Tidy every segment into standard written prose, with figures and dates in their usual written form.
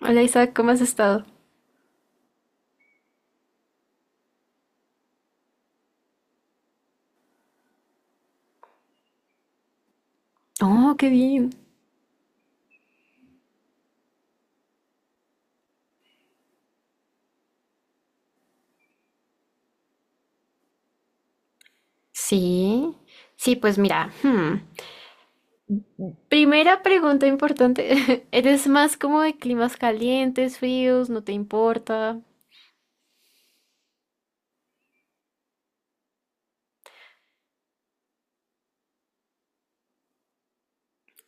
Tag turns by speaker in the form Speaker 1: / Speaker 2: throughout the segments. Speaker 1: Hola Isaac, ¿cómo has estado? Oh, qué bien. Sí, sí, pues mira, hmm, primera pregunta importante. ¿Eres más como de climas calientes, fríos? ¿No te importa?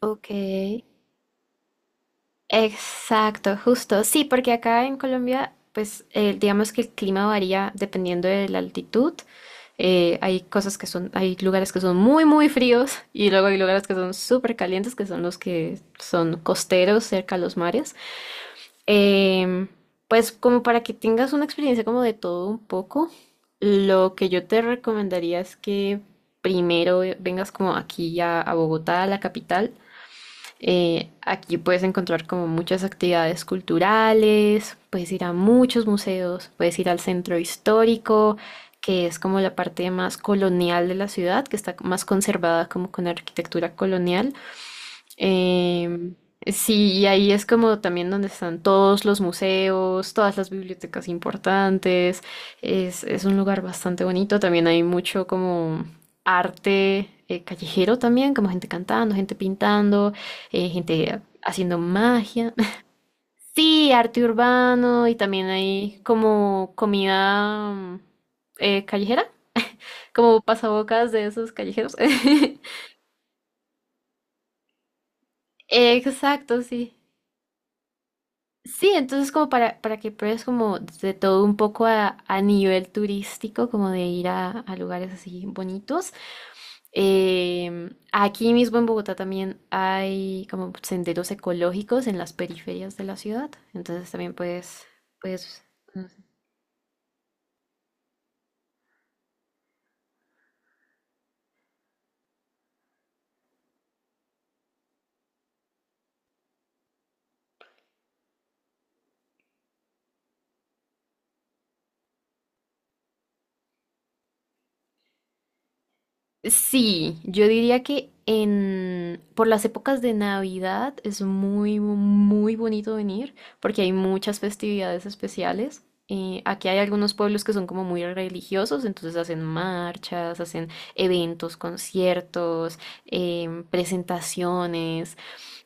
Speaker 1: Ok, exacto, justo. Sí, porque acá en Colombia, pues digamos que el clima varía dependiendo de la altitud. Hay cosas que son, hay lugares que son muy, muy fríos y luego hay lugares que son súper calientes, que son los que son costeros cerca a los mares. Em, pues como para que tengas una experiencia como de todo un poco, lo que yo te recomendaría es que primero vengas como aquí a Bogotá, a la capital. Aquí puedes encontrar como muchas actividades culturales, puedes ir a muchos museos, puedes ir al centro histórico, que es como la parte más colonial de la ciudad, que está más conservada como con arquitectura colonial. Em, sí, y ahí es como también donde están todos los museos, todas las bibliotecas importantes. Es un lugar bastante bonito. También hay mucho como arte callejero también, como gente cantando, gente pintando, gente haciendo magia. Sí, arte urbano y también hay como comida callejera, como pasabocas de esos callejeros. Exacto, sí. Sí, entonces como para que pruebes como de todo un poco a nivel turístico, como de ir a lugares así bonitos. Aquí mismo en Bogotá también hay como senderos ecológicos en las periferias de la ciudad, entonces también puedes mm. Sí, yo diría que en por las épocas de Navidad es muy bonito venir porque hay muchas festividades especiales. Aquí hay algunos pueblos que son como muy religiosos, entonces hacen marchas, hacen eventos, conciertos, presentaciones.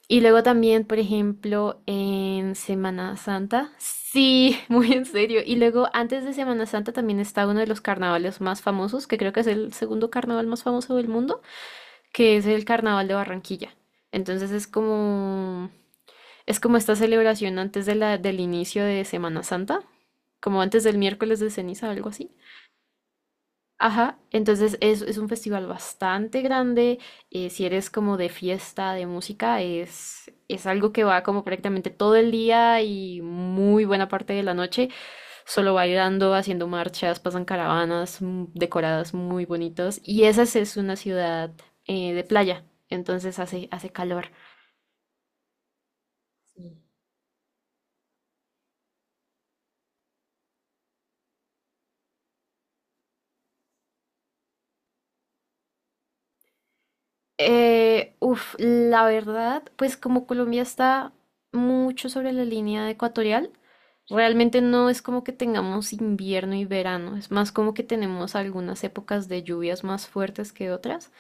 Speaker 1: Y luego también, por ejemplo, en Semana Santa. Sí, muy en serio. Y luego, antes de Semana Santa, también está uno de los carnavales más famosos, que creo que es el segundo carnaval más famoso del mundo, que es el Carnaval de Barranquilla. Entonces es como esta celebración antes del inicio de Semana Santa, como antes del miércoles de ceniza, algo así. Ajá, entonces es un festival bastante grande. Si eres como de fiesta, de música, es algo que va como prácticamente todo el día y muy buena parte de la noche, solo bailando, haciendo marchas, pasan caravanas decoradas muy bonitas. Y esa sí es una ciudad de playa, entonces hace calor. Sí. La verdad, pues como Colombia está mucho sobre la línea ecuatorial, realmente no es como que tengamos invierno y verano, es más como que tenemos algunas épocas de lluvias más fuertes que otras.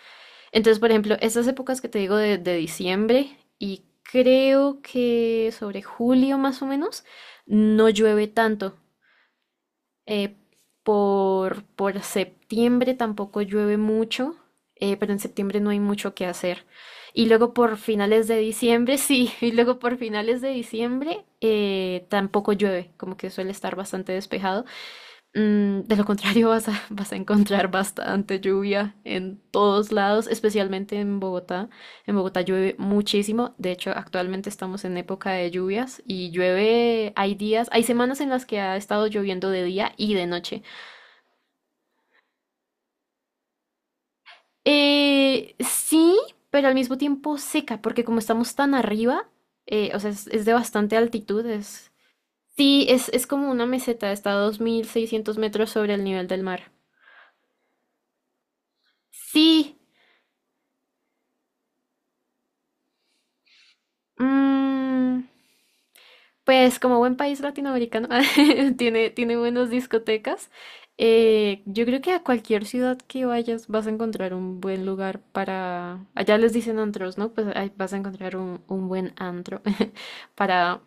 Speaker 1: Entonces, por ejemplo, estas épocas que te digo de diciembre y creo que sobre julio más o menos, no llueve tanto. Eh, por septiembre tampoco llueve mucho, pero en septiembre no hay mucho que hacer. Y luego por finales de diciembre, sí, y luego por finales de diciembre tampoco llueve, como que suele estar bastante despejado. Mm, de lo contrario, vas a encontrar bastante lluvia en todos lados, especialmente en Bogotá. En Bogotá llueve muchísimo. De hecho, actualmente estamos en época de lluvias y llueve, hay días, hay semanas en las que ha estado lloviendo de día y de noche. Sí, pero al mismo tiempo seca, porque como estamos tan arriba, o sea, es de bastante altitud, es... Sí, es como una meseta, está a 2600 metros sobre el nivel del mar. Sí. Mm. Pues como buen país latinoamericano tiene buenas discotecas. Yo creo que a cualquier ciudad que vayas vas a encontrar un buen lugar para... Allá les dicen antros, ¿no? Pues ahí vas a encontrar un buen antro para,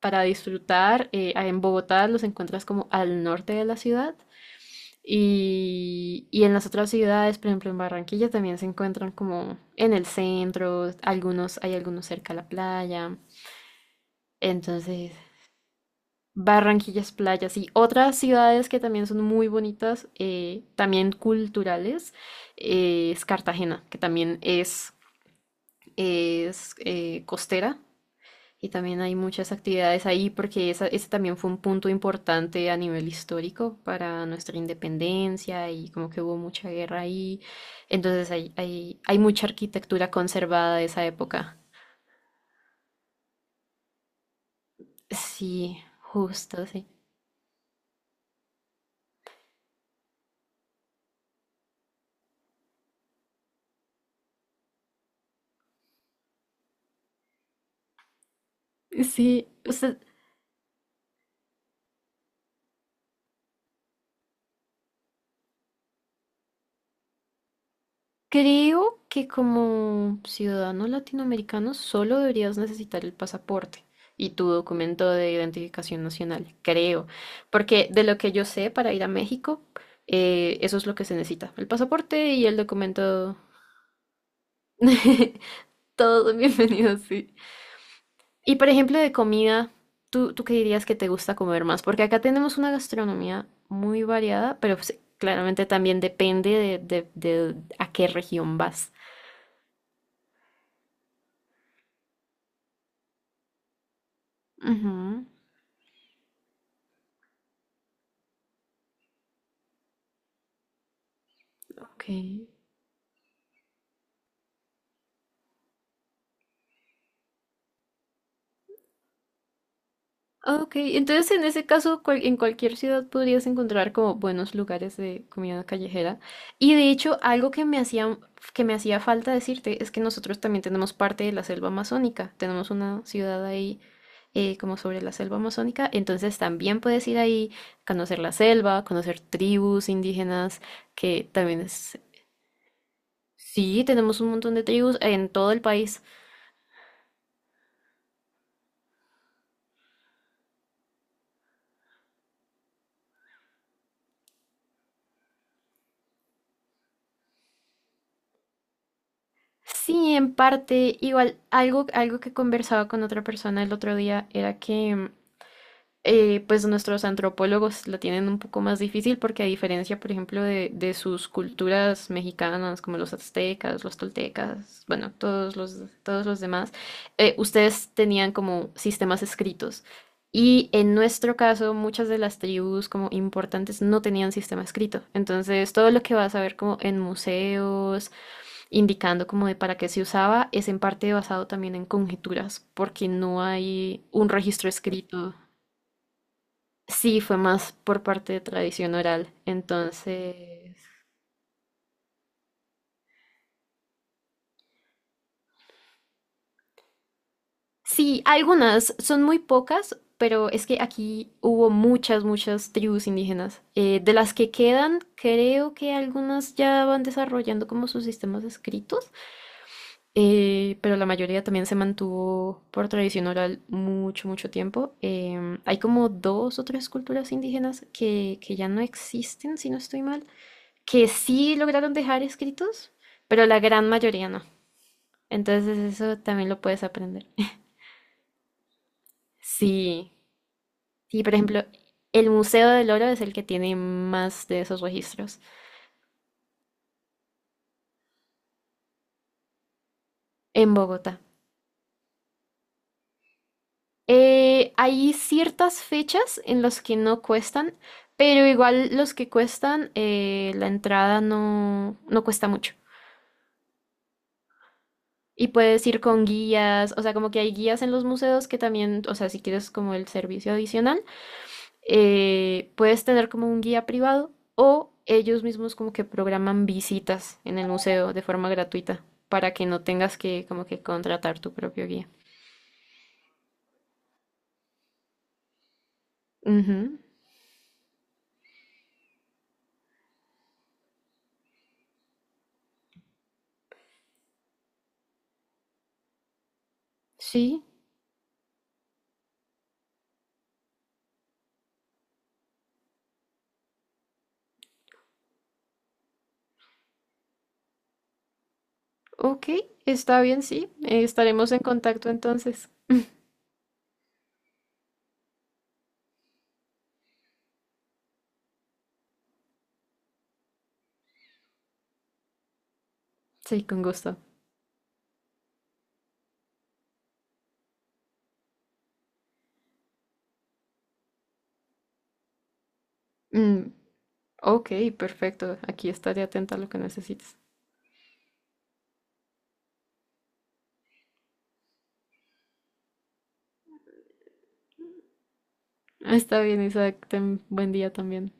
Speaker 1: para disfrutar. En Bogotá los encuentras como al norte de la ciudad y en las otras ciudades, por ejemplo en Barranquilla también se encuentran como en el centro, algunos, hay algunos cerca a la playa. Entonces, Barranquilla es playa, sí. Otras ciudades que también son muy bonitas, también culturales, es Cartagena, que también es costera y también hay muchas actividades ahí porque esa, ese también fue un punto importante a nivel histórico para nuestra independencia y como que hubo mucha guerra ahí. Entonces hay mucha arquitectura conservada de esa época. Sí, justo, sí. Sí, usted. Creo que como ciudadano latinoamericano solo deberías necesitar el pasaporte y tu documento de identificación nacional, creo, porque de lo que yo sé para ir a México, eso es lo que se necesita, el pasaporte y el documento. Todo bienvenidos, sí. Y por ejemplo de comida, ¿tú qué dirías que te gusta comer más? Porque acá tenemos una gastronomía muy variada, pero pues, claramente también depende de a qué región vas. Ujú. Ok. Ok, entonces en ese caso en cualquier ciudad podrías encontrar como buenos lugares de comida callejera. Y de hecho, algo que me hacía falta decirte es que nosotros también tenemos parte de la selva amazónica. Tenemos una ciudad ahí como sobre la selva amazónica. Entonces también puedes ir ahí, conocer la selva, conocer tribus indígenas, que también es... Sí, tenemos un montón de tribus en todo el país. Sí, en parte, igual algo que conversaba con otra persona el otro día era que pues nuestros antropólogos la tienen un poco más difícil porque a diferencia, por ejemplo, de sus culturas mexicanas como los aztecas, los toltecas, bueno, todos los demás, ustedes tenían como sistemas escritos. Y en nuestro caso, muchas de las tribus como importantes no tenían sistema escrito. Entonces, todo lo que vas a ver como en museos, indicando como de para qué se usaba, es en parte basado también en conjeturas, porque no hay un registro escrito. Sí, fue más por parte de tradición oral. Entonces, sí, algunas son muy pocas, pero es que aquí hubo muchas, muchas tribus indígenas. De las que quedan, creo que algunas ya van desarrollando como sus sistemas escritos. Pero la mayoría también se mantuvo por tradición oral mucho, mucho tiempo. Hay como dos o tres culturas indígenas que ya no existen, si no estoy mal, que sí lograron dejar escritos, pero la gran mayoría no. Entonces eso también lo puedes aprender. Sí, sí, por ejemplo, el Museo del Oro es el que tiene más de esos registros en Bogotá. Hay ciertas fechas en las que no cuestan, pero igual los que cuestan, la entrada no, no cuesta mucho. Y puedes ir con guías, o sea, como que hay guías en los museos que también, o sea, si quieres como el servicio adicional, puedes tener como un guía privado o ellos mismos como que programan visitas en el museo de forma gratuita para que no tengas que como que contratar tu propio guía. Ujú. Sí. Ok, está bien, sí. Estaremos en contacto entonces. Sí, con gusto. Mm, ok, perfecto. Aquí estaré atenta a lo que necesites. Está bien, Isaac. Ten buen día también.